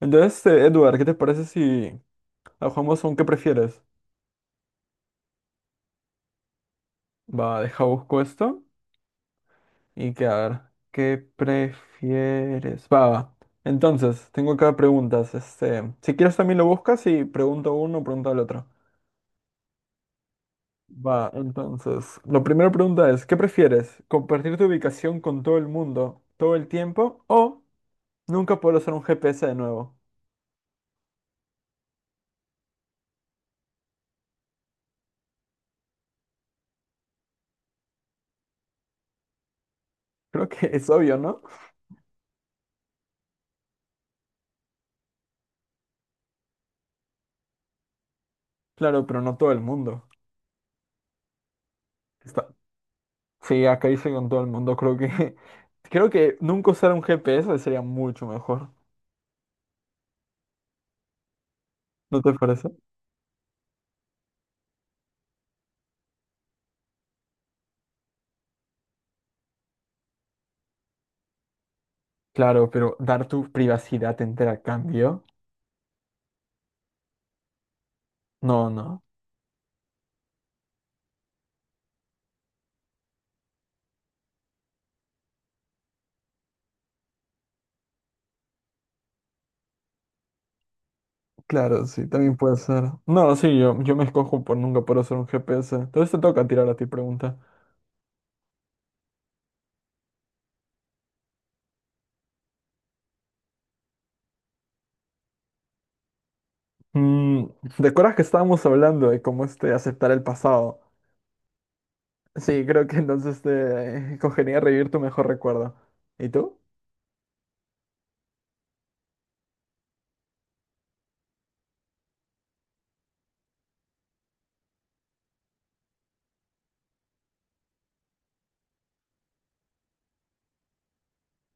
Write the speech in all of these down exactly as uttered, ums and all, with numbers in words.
Entonces, eh, Edward, ¿qué te parece si la jugamos a un qué prefieres? Va, deja busco esto y que a ver, ¿qué prefieres? Va, va. Entonces, tengo acá preguntas. Este, si quieres también lo buscas y pregunto uno, pregunta al otro. Va, entonces, la primera pregunta es, ¿qué prefieres? ¿Compartir tu ubicación con todo el mundo todo el tiempo o nunca poder usar un G P S de nuevo? Creo que es obvio, ¿no? Claro, pero no todo el mundo. Está, Sí, acá hice con todo el mundo. Creo que creo que nunca usar un G P S sería mucho mejor. ¿No te parece? Claro, pero dar tu privacidad entera a cambio. No, no. Claro, sí, también puede ser. No, sí, yo, yo me escojo por nunca poder usar un G P S. Entonces te toca tirar a ti pregunta. Mm, ¿te acuerdas que estábamos hablando de cómo este aceptar el pasado? Sí, creo que entonces te eh, cogería revivir tu mejor recuerdo. ¿Y tú?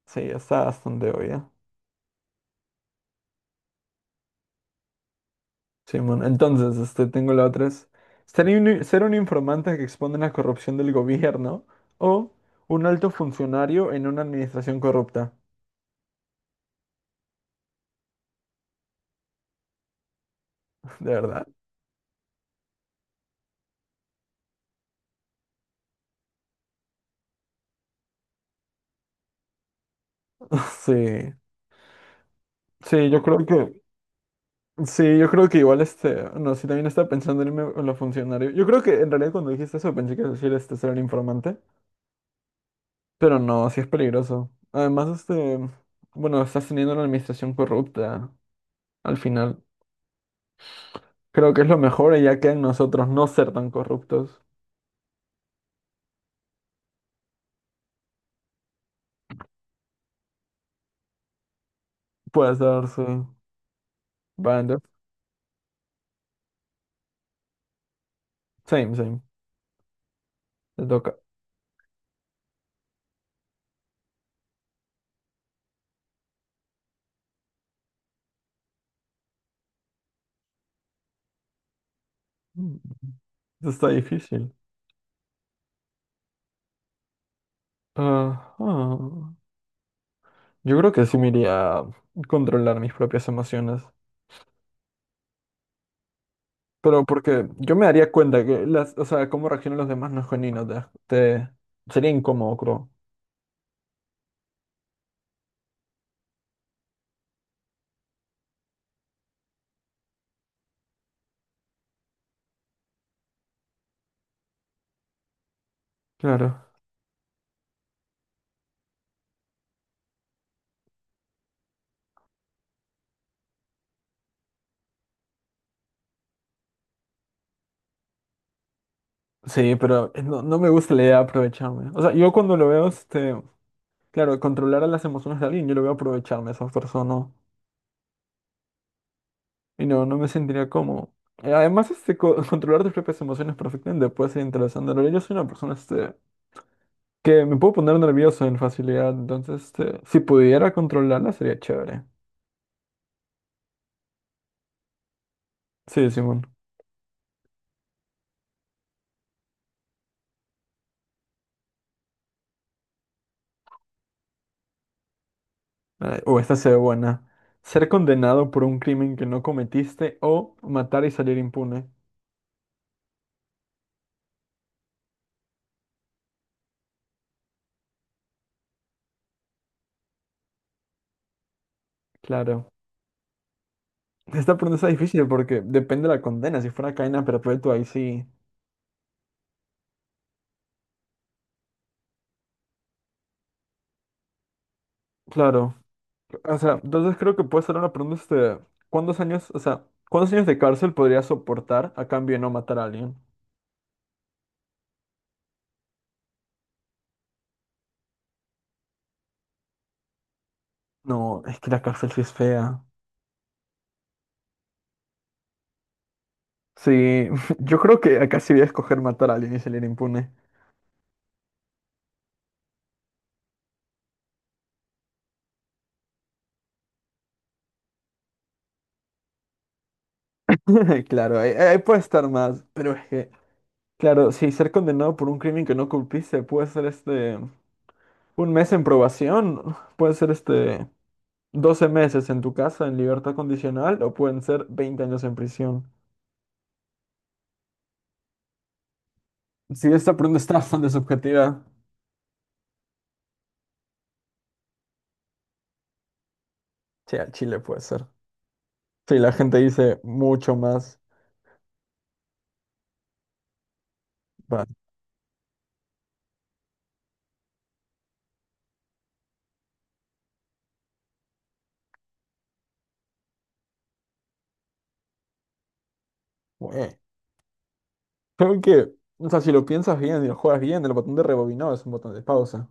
Sí, está bastante obvio. Simón, entonces, este, tengo la otra es ser un, ser un informante que expone la corrupción del gobierno o un alto funcionario en una administración corrupta. ¿De verdad? Sí. Sí, yo creo que sí, yo creo que igual este, no, sí también estaba pensando en irme con lo funcionario. Yo creo que en realidad cuando dijiste eso pensé que ibas a decir este ser un informante, pero no, sí es peligroso. Además, este, bueno, estás teniendo una administración corrupta al final. Creo que es lo mejor y ya queda en nosotros no ser tan corruptos. Puedes darse Bando. Same, same. Te toca. Mm, Esto está difícil. Ajá. Yo creo que sí me iría a controlar mis propias emociones. Pero porque yo me daría cuenta que las, o sea, cómo reaccionan los demás no es genuino. Te, te- sería incómodo, creo. Claro. Sí, pero no, no me gusta la idea de aprovecharme. O sea, yo cuando lo veo, este, claro, controlar a las emociones de alguien, yo lo veo aprovecharme a esas personas. Y no, no me sentiría cómodo. Eh, Además, este, co- controlar tus propias emociones perfectamente puede ser interesante. En realidad, yo soy una persona este, que me puedo poner nervioso en facilidad. Entonces, este, si pudiera controlarla, sería chévere. Sí, Simón. Eh, O esta se ve buena. Ser condenado por un crimen que no cometiste o matar y salir impune. Claro. Esta pregunta es difícil porque depende de la condena. Si fuera cadena perpetua, ahí sí. Claro. O sea, entonces creo que puede ser una pregunta, este, ¿cuántos años, o sea, cuántos años de cárcel podría soportar a cambio de no matar a alguien? No, es que la cárcel sí es fea. Sí, yo creo que acá sí voy a escoger matar a alguien y salir impune. Claro, ahí, ahí puede estar más, pero es que, claro, si ser condenado por un crimen que no culpiste puede ser este, un mes en probación, puede ser este, doce meses en tu casa en libertad condicional o pueden ser veinte años en prisión. Sí, esta pregunta está bastante subjetiva. Sí, al Chile puede ser. Sí, la gente dice mucho más. Va, güey. Creo que, o sea, si lo piensas bien y lo juegas bien, el botón de rebobinado es un botón de pausa.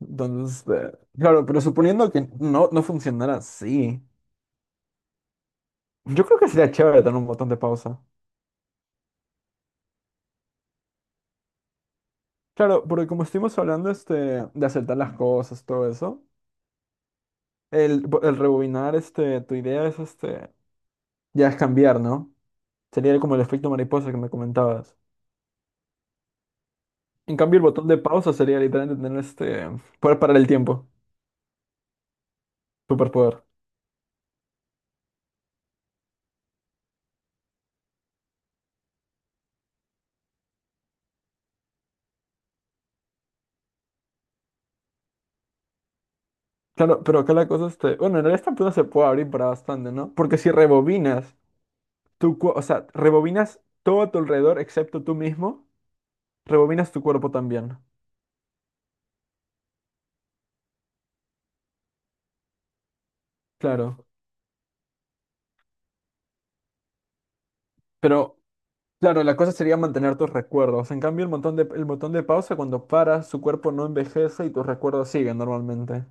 Entonces, eh, claro, pero suponiendo que no, no funcionara así, yo creo que sería chévere tener un botón de pausa. Claro, porque como estuvimos hablando este, de acertar las cosas, todo eso, el, bo- el rebobinar este, tu idea es este, ya es cambiar, ¿no? Sería como el efecto mariposa que me comentabas. En cambio, el botón de pausa sería literalmente tener este poder parar el tiempo, superpoder. Claro, pero acá la cosa este, bueno, en realidad esta pregunta se puede abrir para bastante, ¿no? Porque si rebobinas tu, cu- o sea, rebobinas todo a tu alrededor excepto tú mismo, rebobinas tu cuerpo también. Claro, pero claro, la cosa sería mantener tus recuerdos. En cambio, el botón de el botón de pausa cuando paras, su cuerpo no envejece y tus recuerdos siguen normalmente.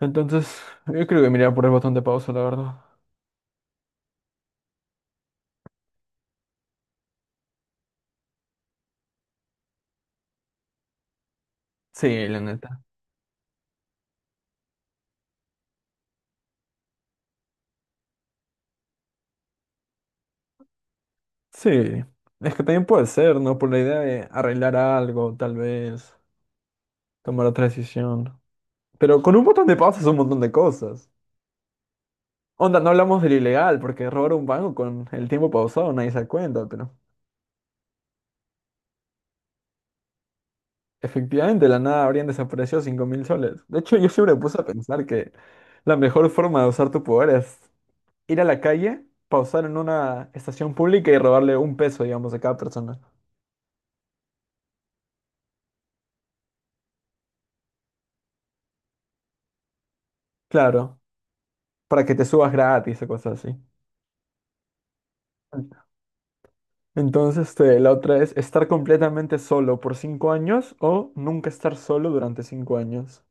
Entonces, yo creo que miraría por el botón de pausa, la verdad. Sí, la neta. Sí, es que también puede ser, ¿no? Por la idea de arreglar algo, tal vez, tomar otra decisión. Pero con un botón de pausa es un montón de cosas. Onda, no hablamos del ilegal, porque robar un banco con el tiempo pausado nadie se da cuenta, pero efectivamente de la nada habrían desaparecido cinco mil soles. De hecho, yo siempre me puse a pensar que la mejor forma de usar tu poder es ir a la calle, pausar en una estación pública y robarle un peso, digamos, a cada persona. Claro, para que te subas gratis o cosas así. Entonces, este, la otra es estar completamente solo por cinco años o nunca estar solo durante cinco años.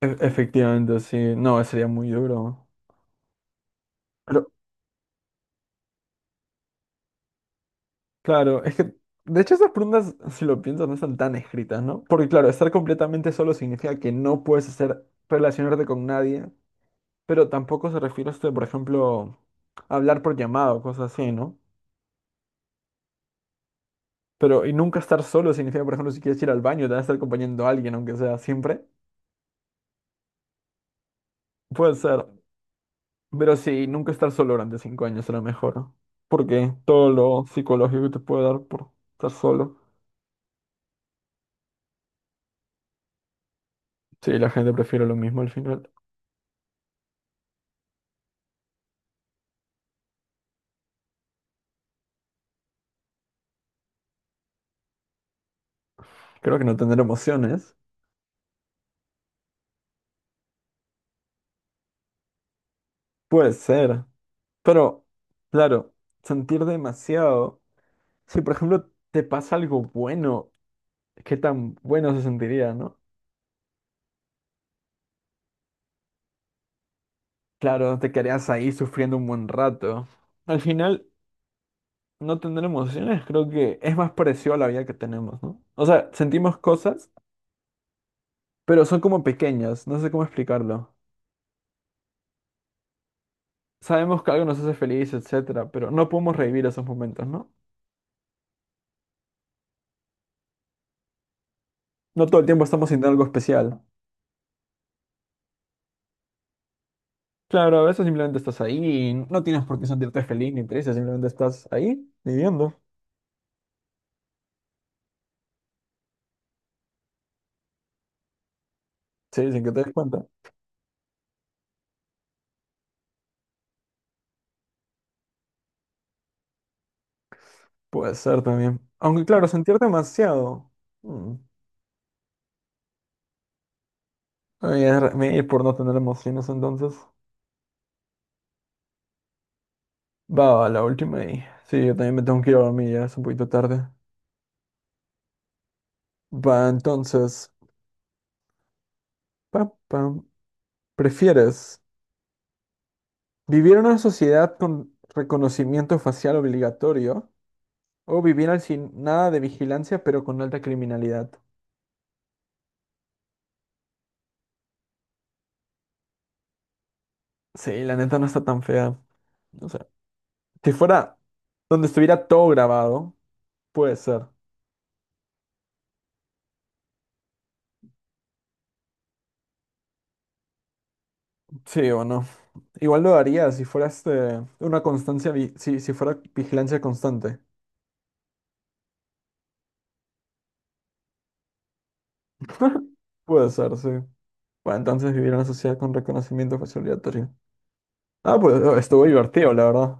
E- efectivamente, sí. No, sería muy duro. Pero, claro, es que, de hecho, esas preguntas, si lo piensas, no están tan escritas, ¿no? Porque, claro, estar completamente solo significa que no puedes hacer, relacionarte con nadie, pero tampoco se refiere a esto, de, por ejemplo, hablar por llamado, cosas así, ¿no? Pero, y nunca estar solo significa, por ejemplo, si quieres ir al baño, te vas a estar acompañando a alguien, aunque sea siempre. Puede ser. Pero sí, nunca estar solo durante cinco años será mejor. Porque todo lo psicológico que te puede dar por estar solo. Sí, la gente prefiere lo mismo al final. Creo que no tener emociones. Puede ser. Pero, claro, sentir demasiado. Si, por ejemplo, te pasa algo bueno, ¿qué tan bueno se sentiría, no? Claro, te quedarías ahí sufriendo un buen rato. Al final, no tener emociones creo que es más parecido a la vida que tenemos, ¿no? O sea, sentimos cosas pero son como pequeñas, no sé cómo explicarlo. Sabemos que algo nos hace feliz, etcétera, pero no podemos revivir esos momentos, ¿no? No todo el tiempo estamos sintiendo algo especial. Claro, a veces simplemente estás ahí y no tienes por qué sentirte feliz ni triste, simplemente estás ahí viviendo, sí, sin que te des cuenta. Puede ser también. Aunque claro, sentir demasiado. mm, Voy a re- me ir por no tener emociones entonces. Va, la última y... Sí, yo también me tengo que ir a dormir, ya es un poquito tarde. Va, entonces... Pa, pam. ¿Prefieres? ¿Vivir en una sociedad con reconocimiento facial obligatorio o vivir al sin nada de vigilancia pero con alta criminalidad? Sí, la neta no está tan fea. O sea, si fuera donde estuviera todo grabado, puede ser. Sí o no. Igual lo haría si fuera este, una constancia, vi- si, si fuera vigilancia constante. Puede ser, sí. Bueno, entonces vivir en una sociedad con reconocimiento facial obligatorio. Ah, pues eh, estuvo divertido, la verdad.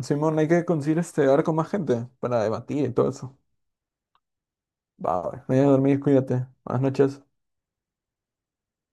Simón, hay que conseguir este hablar con más gente para debatir y todo eso. Va, vaya a dormir, cuídate. Buenas noches.